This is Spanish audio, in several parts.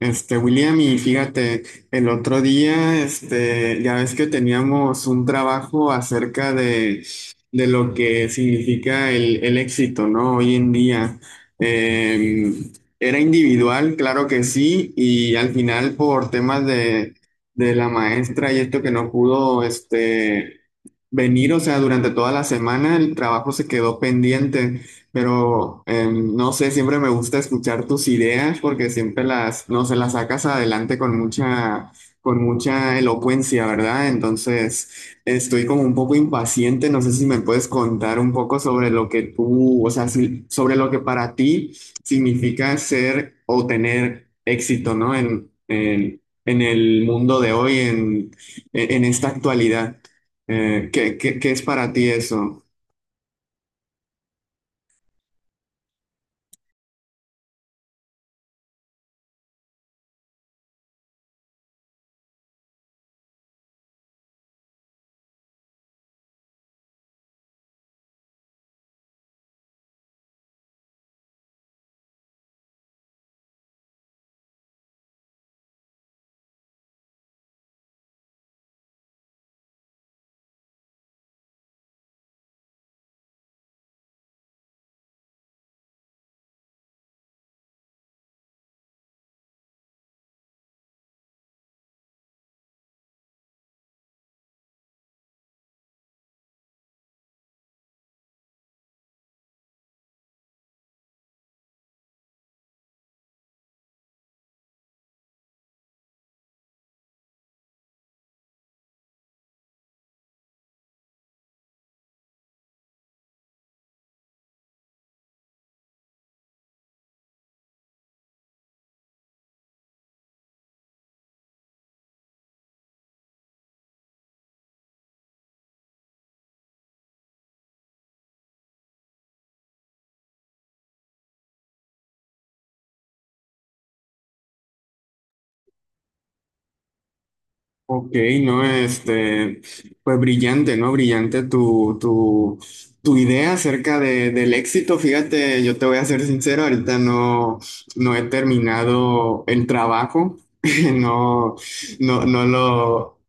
William, y fíjate, el otro día, ya ves que teníamos un trabajo acerca de lo que significa el éxito, ¿no? Hoy en día. Eh, era individual, claro que sí, y al final por temas de la maestra y esto que no pudo, venir, o sea, durante toda la semana el trabajo se quedó pendiente. Pero no sé, siempre me gusta escuchar tus ideas porque siempre no sé, las sacas adelante con mucha elocuencia, ¿verdad? Entonces, estoy como un poco impaciente. No sé si me puedes contar un poco sobre lo que tú, o sea, sobre lo que para ti significa ser o tener éxito, ¿no? En el mundo de hoy, en esta actualidad. ¿Qué es para ti eso? Ok, no, pues brillante, ¿no? Brillante tu idea acerca de, del éxito. Fíjate, yo te voy a ser sincero, ahorita no, no he terminado el trabajo, no, no, no lo,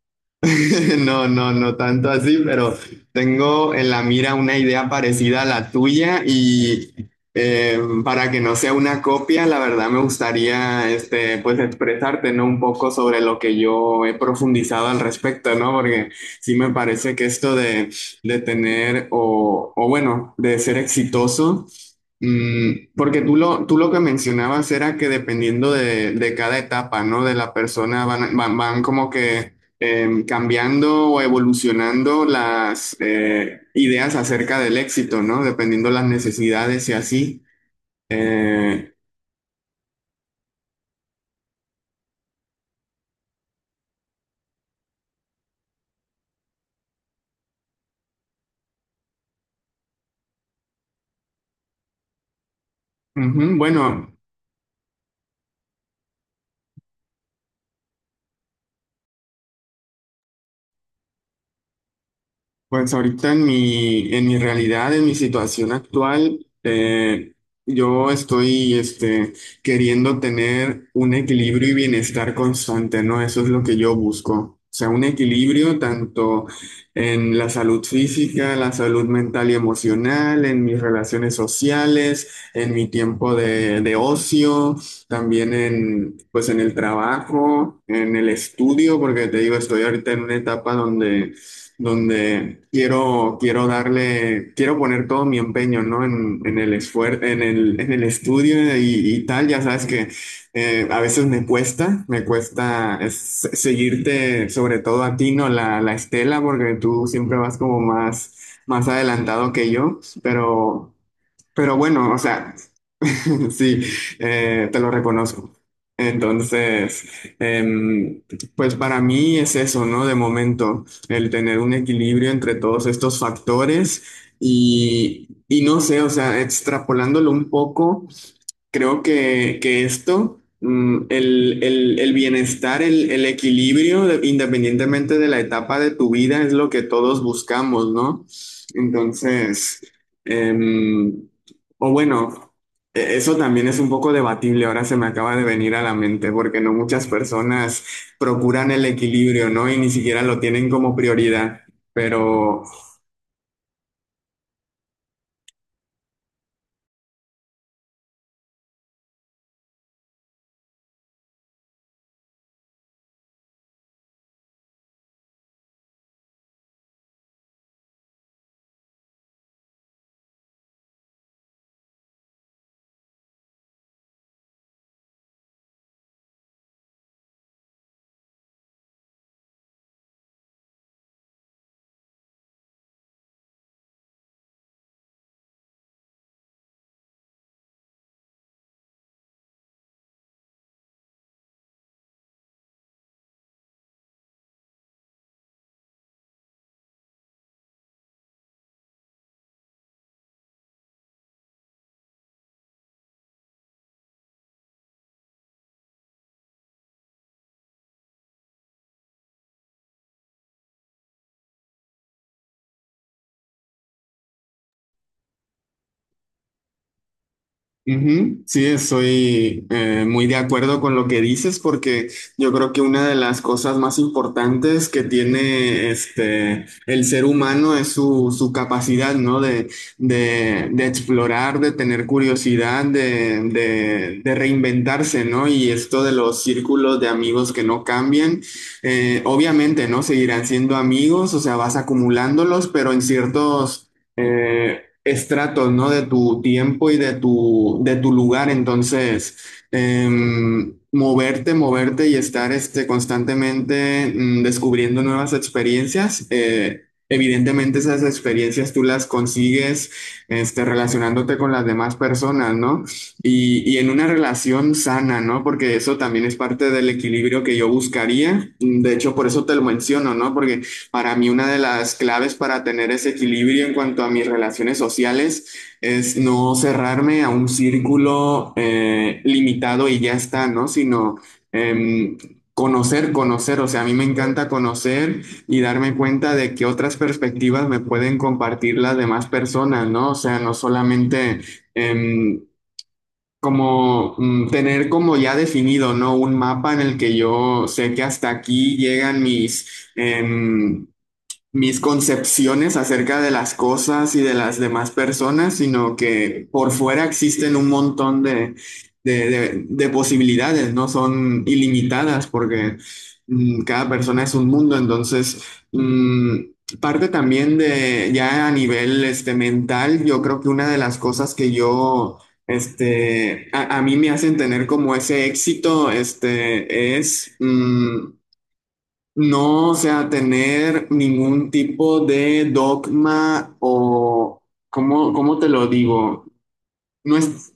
No, no, no tanto así, pero tengo en la mira una idea parecida a la tuya y para que no sea una copia, la verdad me gustaría pues expresarte, ¿no? Un poco sobre lo que yo he profundizado al respecto, ¿no? Porque sí me parece que esto de tener o bueno, de ser exitoso. Mm, porque tú lo que mencionabas era que dependiendo de cada etapa, ¿no? De la persona van como que cambiando o evolucionando las ideas acerca del éxito, ¿no? Dependiendo las necesidades y así. Eh, ujú, bueno. Pues ahorita en mi realidad, en mi situación actual, yo estoy queriendo tener un equilibrio y bienestar constante, ¿no? Eso es lo que yo busco. O sea, un equilibrio tanto en la salud física, la salud mental y emocional, en mis relaciones sociales, en mi tiempo de ocio, también en, pues en el trabajo, en el estudio, porque te digo, estoy ahorita en una etapa donde quiero darle, quiero poner todo mi empeño, ¿no? En el esfuer en el estudio y tal. Ya sabes que a veces me cuesta seguirte, sobre todo a ti, ¿no? La estela, porque tú siempre vas como más, más adelantado que yo, pero bueno, o sea. Sí, te lo reconozco. Entonces, em, pues para mí es eso, ¿no? De momento, el tener un equilibrio entre todos estos factores y no sé, o sea, extrapolándolo un poco. Creo que esto, mm, el bienestar, el equilibrio, de- independientemente de la etapa de tu vida, es lo que todos buscamos, ¿no? Entonces, em, o bueno, e- eso también es un poco debatible, ahora se me acaba de venir a la mente, porque no muchas personas procuran el equilibrio, ¿no? Y ni siquiera lo tienen como prioridad, pero... Ujú, sí, estoy muy de acuerdo con lo que dices porque yo creo que una de las cosas más importantes que tiene el ser humano es su, su capacidad, ¿no? De explorar, de tener curiosidad, de reinventarse, ¿no? Y esto de los círculos de amigos que no cambian, obviamente, ¿no? Seguirán siendo amigos, o sea, vas acumulándolos, pero en ciertos... estratos, ¿no? De tu tiempo y de tu lugar. Entonces, moverte, moverte y estar constantemente descubriendo nuevas experiencias. Evidentemente esas experiencias tú las consigues relacionándote con las demás personas, ¿no? Y en una relación sana, ¿no? Porque eso también es parte del equilibrio que yo buscaría. De hecho, por eso te lo menciono, ¿no? Porque para mí una de las claves para tener ese equilibrio en cuanto a mis relaciones sociales es no cerrarme a un círculo limitado y ya está, ¿no? Sino em, conocer, conocer. O sea, a mí me encanta conocer y darme cuenta de que otras perspectivas me pueden compartir las demás personas, ¿no? O sea, no solamente... em, como tener como ya definido, ¿no? Un mapa en el que yo sé que hasta aquí llegan mis, mis concepciones acerca de las cosas y de las demás personas, sino que por fuera existen un montón de, de posibilidades, no son ilimitadas porque cada persona es un mundo, entonces mm, parte también de ya a nivel mental, yo creo que una de las cosas que yo... a mí me hacen tener como ese éxito, es mm, no, o sea, tener ningún tipo de dogma o, ¿cómo, cómo te lo digo? No es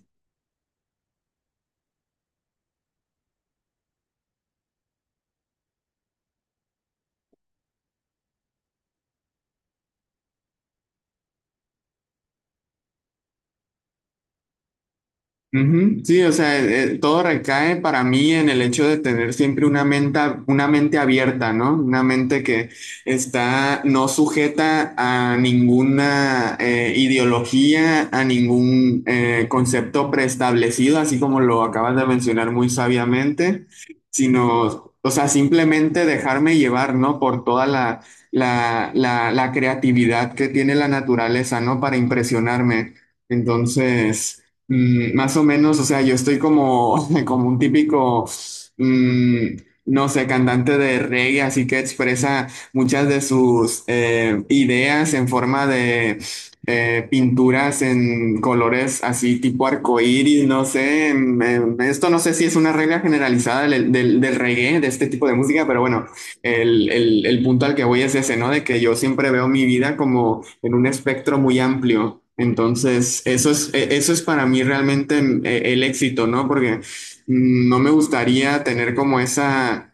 ujú, sí, o sea, todo recae para mí en el hecho de tener siempre una mente abierta, ¿no? Una mente que está no sujeta a ninguna ideología, a ningún concepto preestablecido, así como lo acabas de mencionar muy sabiamente, sino, o sea, simplemente dejarme llevar, ¿no? Por toda la creatividad que tiene la naturaleza, ¿no? Para impresionarme. Entonces... Mm, más o menos, o sea, yo estoy como, como un típico, mm, no sé, cantante de reggae, así que expresa muchas de sus ideas en forma de pinturas en colores así tipo arcoíris, no sé, esto no sé si es una regla generalizada del reggae, de este tipo de música, pero bueno, el punto al que voy es ese, ¿no? De que yo siempre veo mi vida como en un espectro muy amplio. Entonces, eso es, e- eso es para mí realmente mm, e- el éxito, ¿no? Porque mm, no me gustaría tener como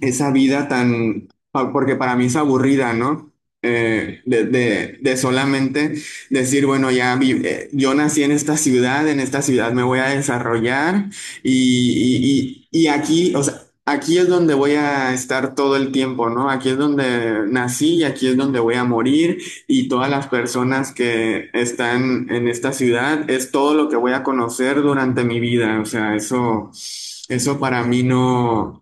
esa vida tan, pa- porque para mí es aburrida, ¿no? De solamente decir, bueno, ya vi- yo nací en esta ciudad me voy a desarrollar y, y aquí, o sea, aquí es donde voy a estar todo el tiempo, ¿no? Aquí es donde nací y aquí es donde voy a morir y todas las personas que están en esta ciudad es todo lo que voy a conocer durante mi vida, o sea, eso para mí no.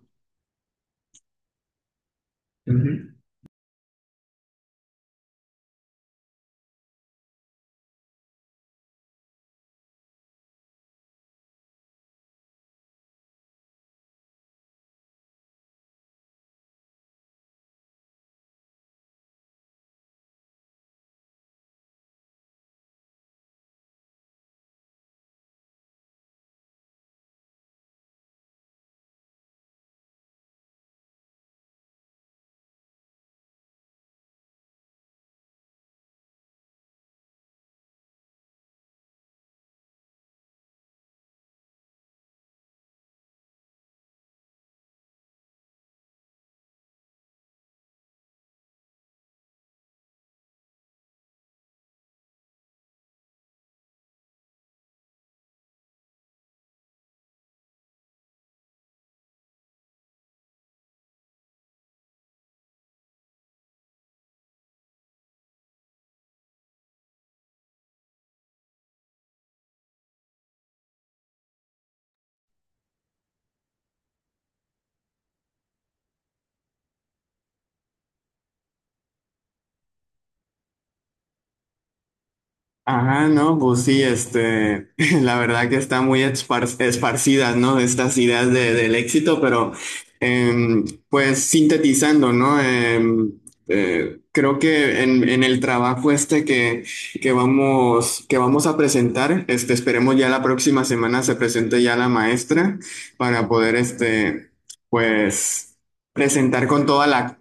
Ajá, no, pues sí, la verdad que están muy espar- esparcidas, ¿no? Estas ideas de- del éxito, pero pues sintetizando, ¿no? Em, creo que en el trabajo este que vamos a presentar, esperemos ya la próxima semana se presente ya la maestra para poder, pues, presentar con toda la...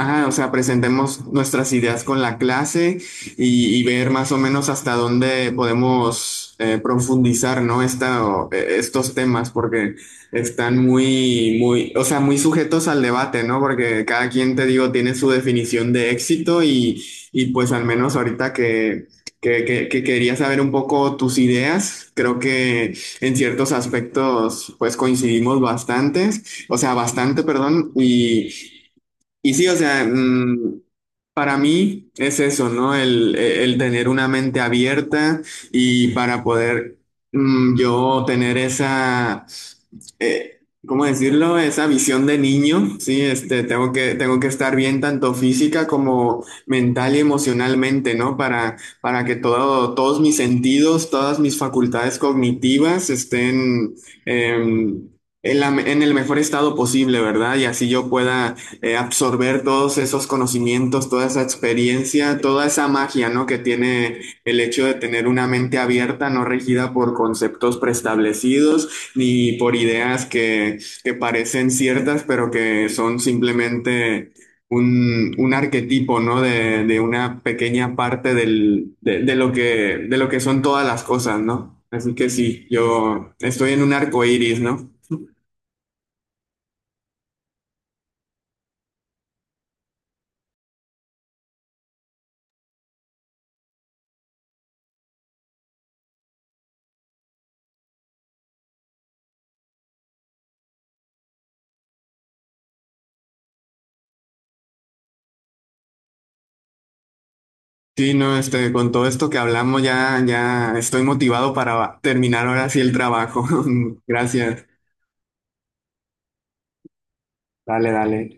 Ah, o sea, presentemos nuestras ideas con la clase y ver más o menos hasta dónde podemos profundizar, ¿no? Esta, o, estos temas, porque están muy, muy, o sea, muy sujetos al debate, ¿no? Porque cada quien, te digo, tiene su definición de éxito y pues al menos ahorita que quería saber un poco tus ideas, creo que en ciertos aspectos, pues coincidimos bastantes. O sea, bastante, perdón. Y sí, o sea, mm, para mí es eso, ¿no? El tener una mente abierta y para poder mm, yo tener esa, eh, ¿cómo decirlo? Esa visión de niño, ¿sí? Tengo que estar bien tanto física como mental y emocionalmente, ¿no? Para que todo, todos mis sentidos, todas mis facultades cognitivas estén... em, en en el mejor estado posible, ¿verdad? Y así yo pueda absorber todos esos conocimientos, toda esa experiencia, toda esa magia, ¿no? Que tiene el hecho de tener una mente abierta, no regida por conceptos preestablecidos ni por ideas que parecen ciertas, pero que son simplemente un arquetipo, ¿no? De una pequeña parte del, de lo que son todas las cosas, ¿no? Así que sí, yo estoy en un arco iris, ¿no? Sí, no, con todo esto que hablamos ya, ya estoy motivado para terminar ahora sí el trabajo. Gracias. Dale, dale.